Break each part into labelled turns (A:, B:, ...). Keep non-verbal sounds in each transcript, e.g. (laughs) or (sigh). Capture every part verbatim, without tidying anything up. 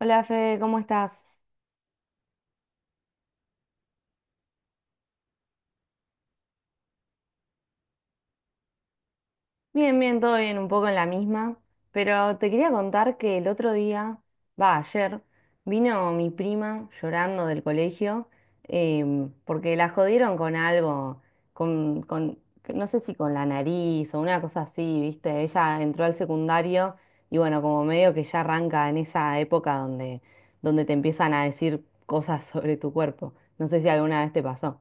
A: Hola Fede, ¿cómo estás? Bien, bien, todo bien, un poco en la misma, pero te quería contar que el otro día, va, ayer, vino mi prima llorando del colegio em, porque la jodieron con algo, con, con, que no sé si con la nariz o una cosa así, ¿viste? Ella entró al secundario y bueno, como medio que ya arranca en esa época donde, donde te empiezan a decir cosas sobre tu cuerpo. No sé si alguna vez te pasó.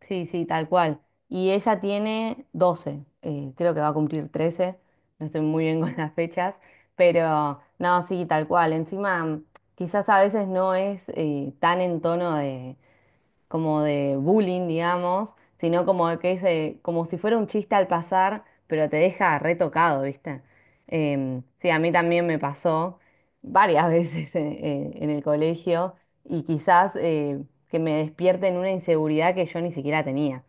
A: Sí, sí, tal cual. Y ella tiene doce, eh, creo que va a cumplir trece. No estoy muy bien (laughs) con las fechas, pero no, sí, tal cual. Encima, quizás a veces no es eh, tan en tono de, como de bullying, digamos, sino como de que es, eh, como si fuera un chiste al pasar, pero te deja retocado, ¿viste? Em, sí, a mí también me pasó varias (laughs) veces en, en- en el colegio y quizás eh, que me despierten una inseguridad que yo ni siquiera tenía.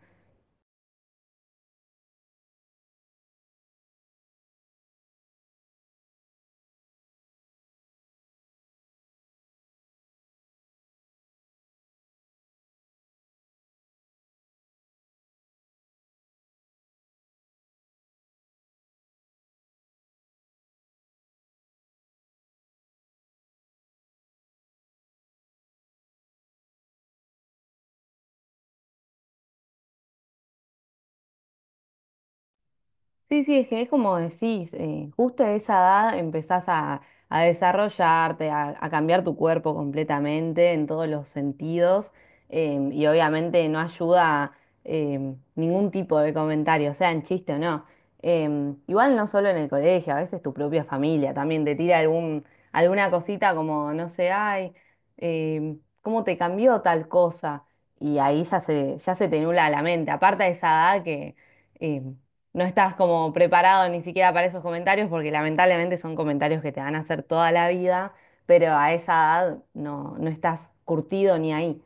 A: Sí, sí, es que es como decís, eh, justo a esa edad empezás a, a desarrollarte, a, a cambiar tu cuerpo completamente en todos los sentidos, em, y obviamente no ayuda em, ningún tipo de comentario, sea en chiste o no. Em, igual no solo en el colegio, a veces tu propia familia también te tira algún, alguna cosita como, no sé, ay, em, ¿cómo te cambió tal cosa? Y ahí ya se, ya se te nula la mente, aparte de esa edad que... em, no estás como preparado ni siquiera para esos comentarios, porque lamentablemente son comentarios que te van a hacer toda la vida, pero a esa edad no, no estás curtido ni ahí.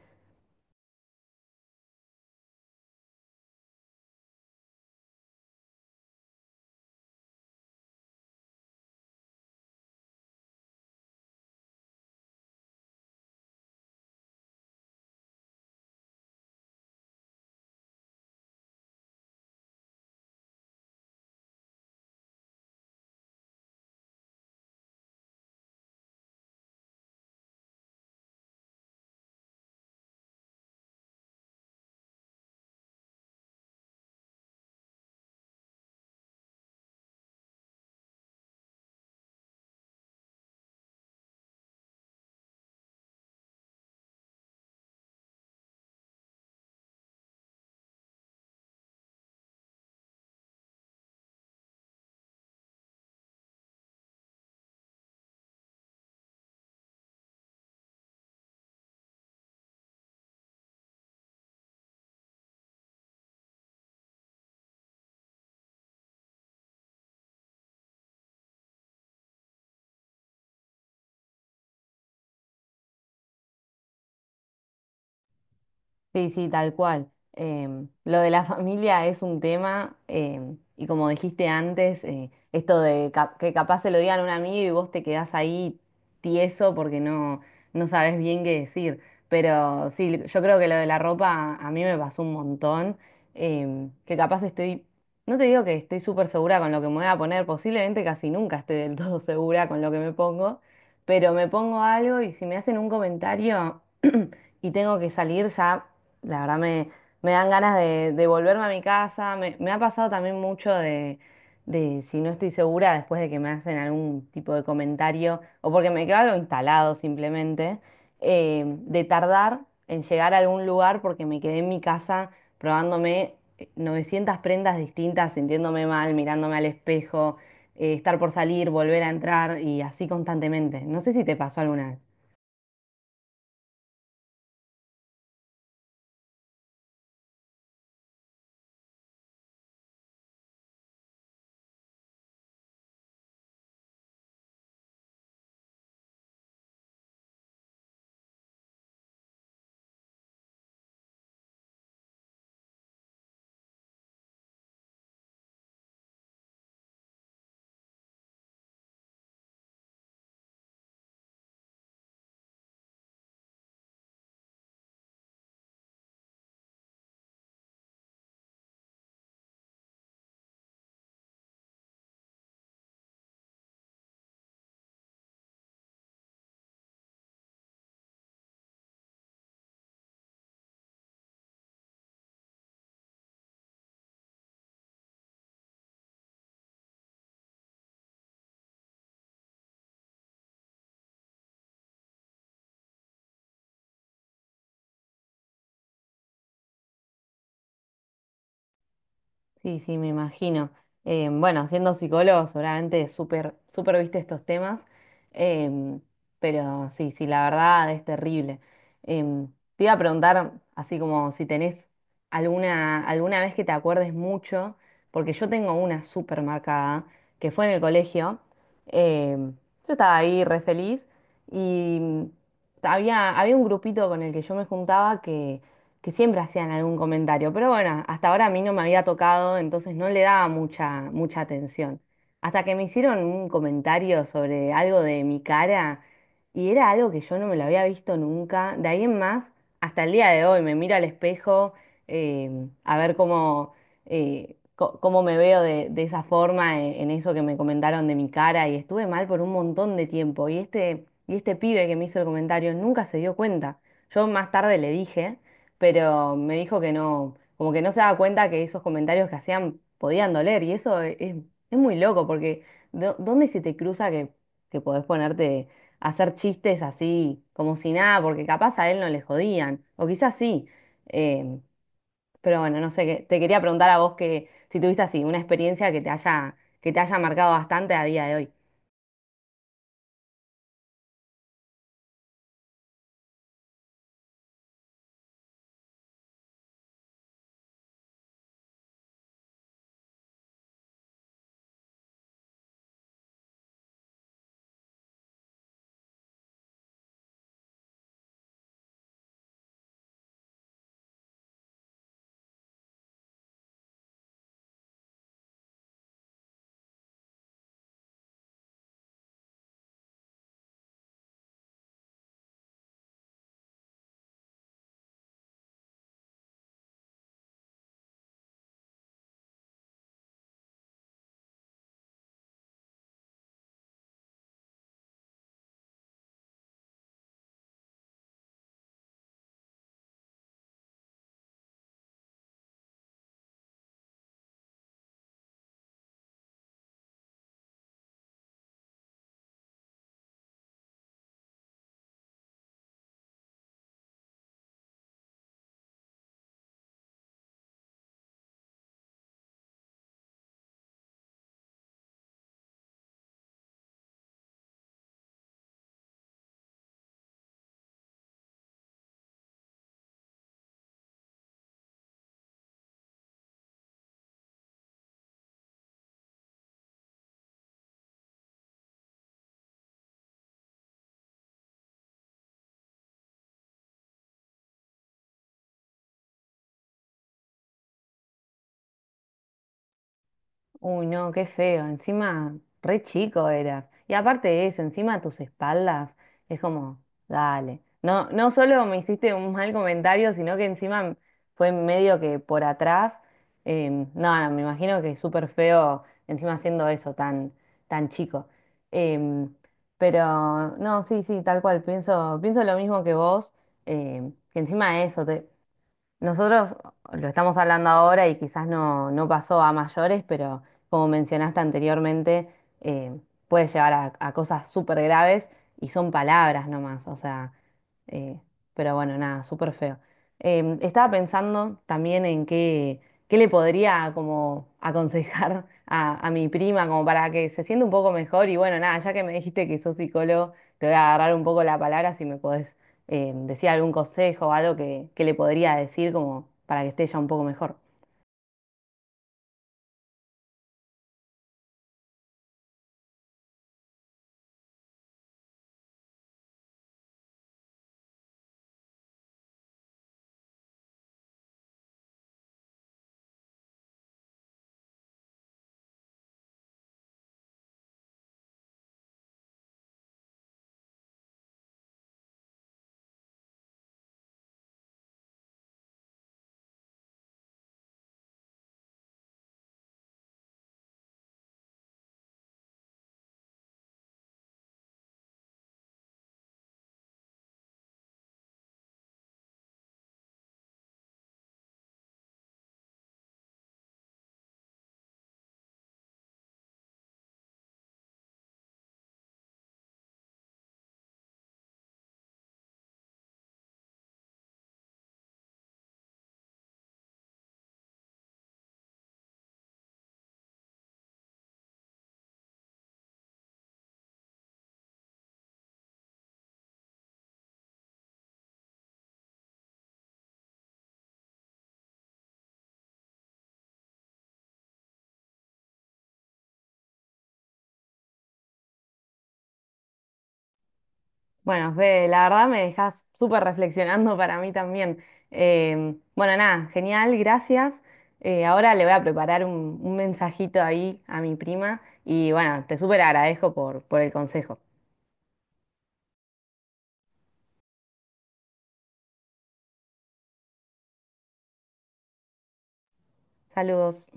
A: Sí, sí, tal cual. Em, lo de la (laughs) familia es un tema, em, y como dijiste antes, eh, esto de cap- que capaz se lo digan a un amigo y vos te quedás ahí tieso porque no, no sabes bien qué decir. Pero sí, yo creo que lo de la ropa a mí me pasó un montón, em, que capaz estoy, no te digo que estoy súper segura con lo que me voy a poner, posiblemente casi nunca esté del (laughs) todo segura con lo que me pongo, pero me pongo algo y si me hacen un comentario (clears throat) y tengo que salir ya. La verdad me, me dan ganas de, de volverme a mi casa. Me, me ha pasado también mucho de, de si no estoy segura después de que me hacen algún tipo de comentario o porque me quedo algo instalado simplemente, eh, de tardar en llegar a algún lugar porque me quedé en mi casa probándome eh, novecientas prendas distintas, sintiéndome mal, mirándome al espejo, eh, estar por salir, volver a entrar y así constantemente. No sé si te pasó alguna vez. Sí, sí, me imagino. Eh, bueno, siendo psicólogo, seguramente súper, súper viste estos temas, em, pero sí, sí, la verdad es terrible. Em, Te iba a preguntar, así como si tenés alguna, alguna vez que te acuerdes mucho, porque yo tengo una súper marcada, que fue en el colegio. em, yo estaba ahí re feliz y mm, había, había un grupito con el que yo me juntaba que que siempre hacían algún comentario, pero bueno, hasta ahora a mí no me había tocado, entonces no le daba mucha, mucha atención. Hasta que me hicieron un comentario sobre algo de mi cara y era algo que yo no me lo había visto nunca. De ahí en más, hasta el día de hoy me miro al espejo eh, a ver cómo, eh, co- cómo me veo de, de esa forma eh, en, eso que me comentaron de mi cara y estuve mal por un montón de tiempo y este, y este pibe que me hizo el comentario nunca se dio cuenta. Yo más tarde le dije, pero me dijo que no, como que no se daba cuenta que esos comentarios que hacían podían doler y eso e- es, es muy loco porque ¿dó- ¿dónde se te cruza que, que podés ponerte a hacer chistes así, como si nada, porque capaz a él no le jodían, o quizás sí, em, pero bueno, no sé, qué- te quería preguntar a vos que si tuviste así una experiencia que te haya, que te haya marcado bastante a día de hoy. Uy, no, qué feo. Encima, re chico eras. Y aparte de eso, encima tus espaldas, es como, dale. No, no solo me hiciste un mal comentario, sino que encima fue medio que por atrás. Em, no, no, me imagino que es súper feo encima haciendo eso tan, tan chico. Em, pero no, sí, sí, tal cual. Pienso, pienso lo mismo que vos. Em, que encima de eso, te, nosotros lo estamos hablando ahora y quizás no, no pasó a mayores, pero como mencionaste anteriormente, eh, puede llevar a, a cosas súper graves y son palabras nomás, o sea, eh, pero bueno, nada, súper feo. Em, estaba pensando también en qué, qué le podría como aconsejar a, a mi prima como para que se sienta un poco mejor y bueno, nada, ya que me dijiste que sos psicólogo, te voy a agarrar un poco la palabra si me podés eh, decir algún consejo o algo que, que le podría decir como para que esté ya un poco mejor. Bueno, Fede, la verdad me dejas súper reflexionando para mí también. Eh, bueno, nada, genial, gracias. Eh, ahora le voy a preparar un, un mensajito ahí a mi prima y bueno, te súper agradezco por, por el consejo. Saludos.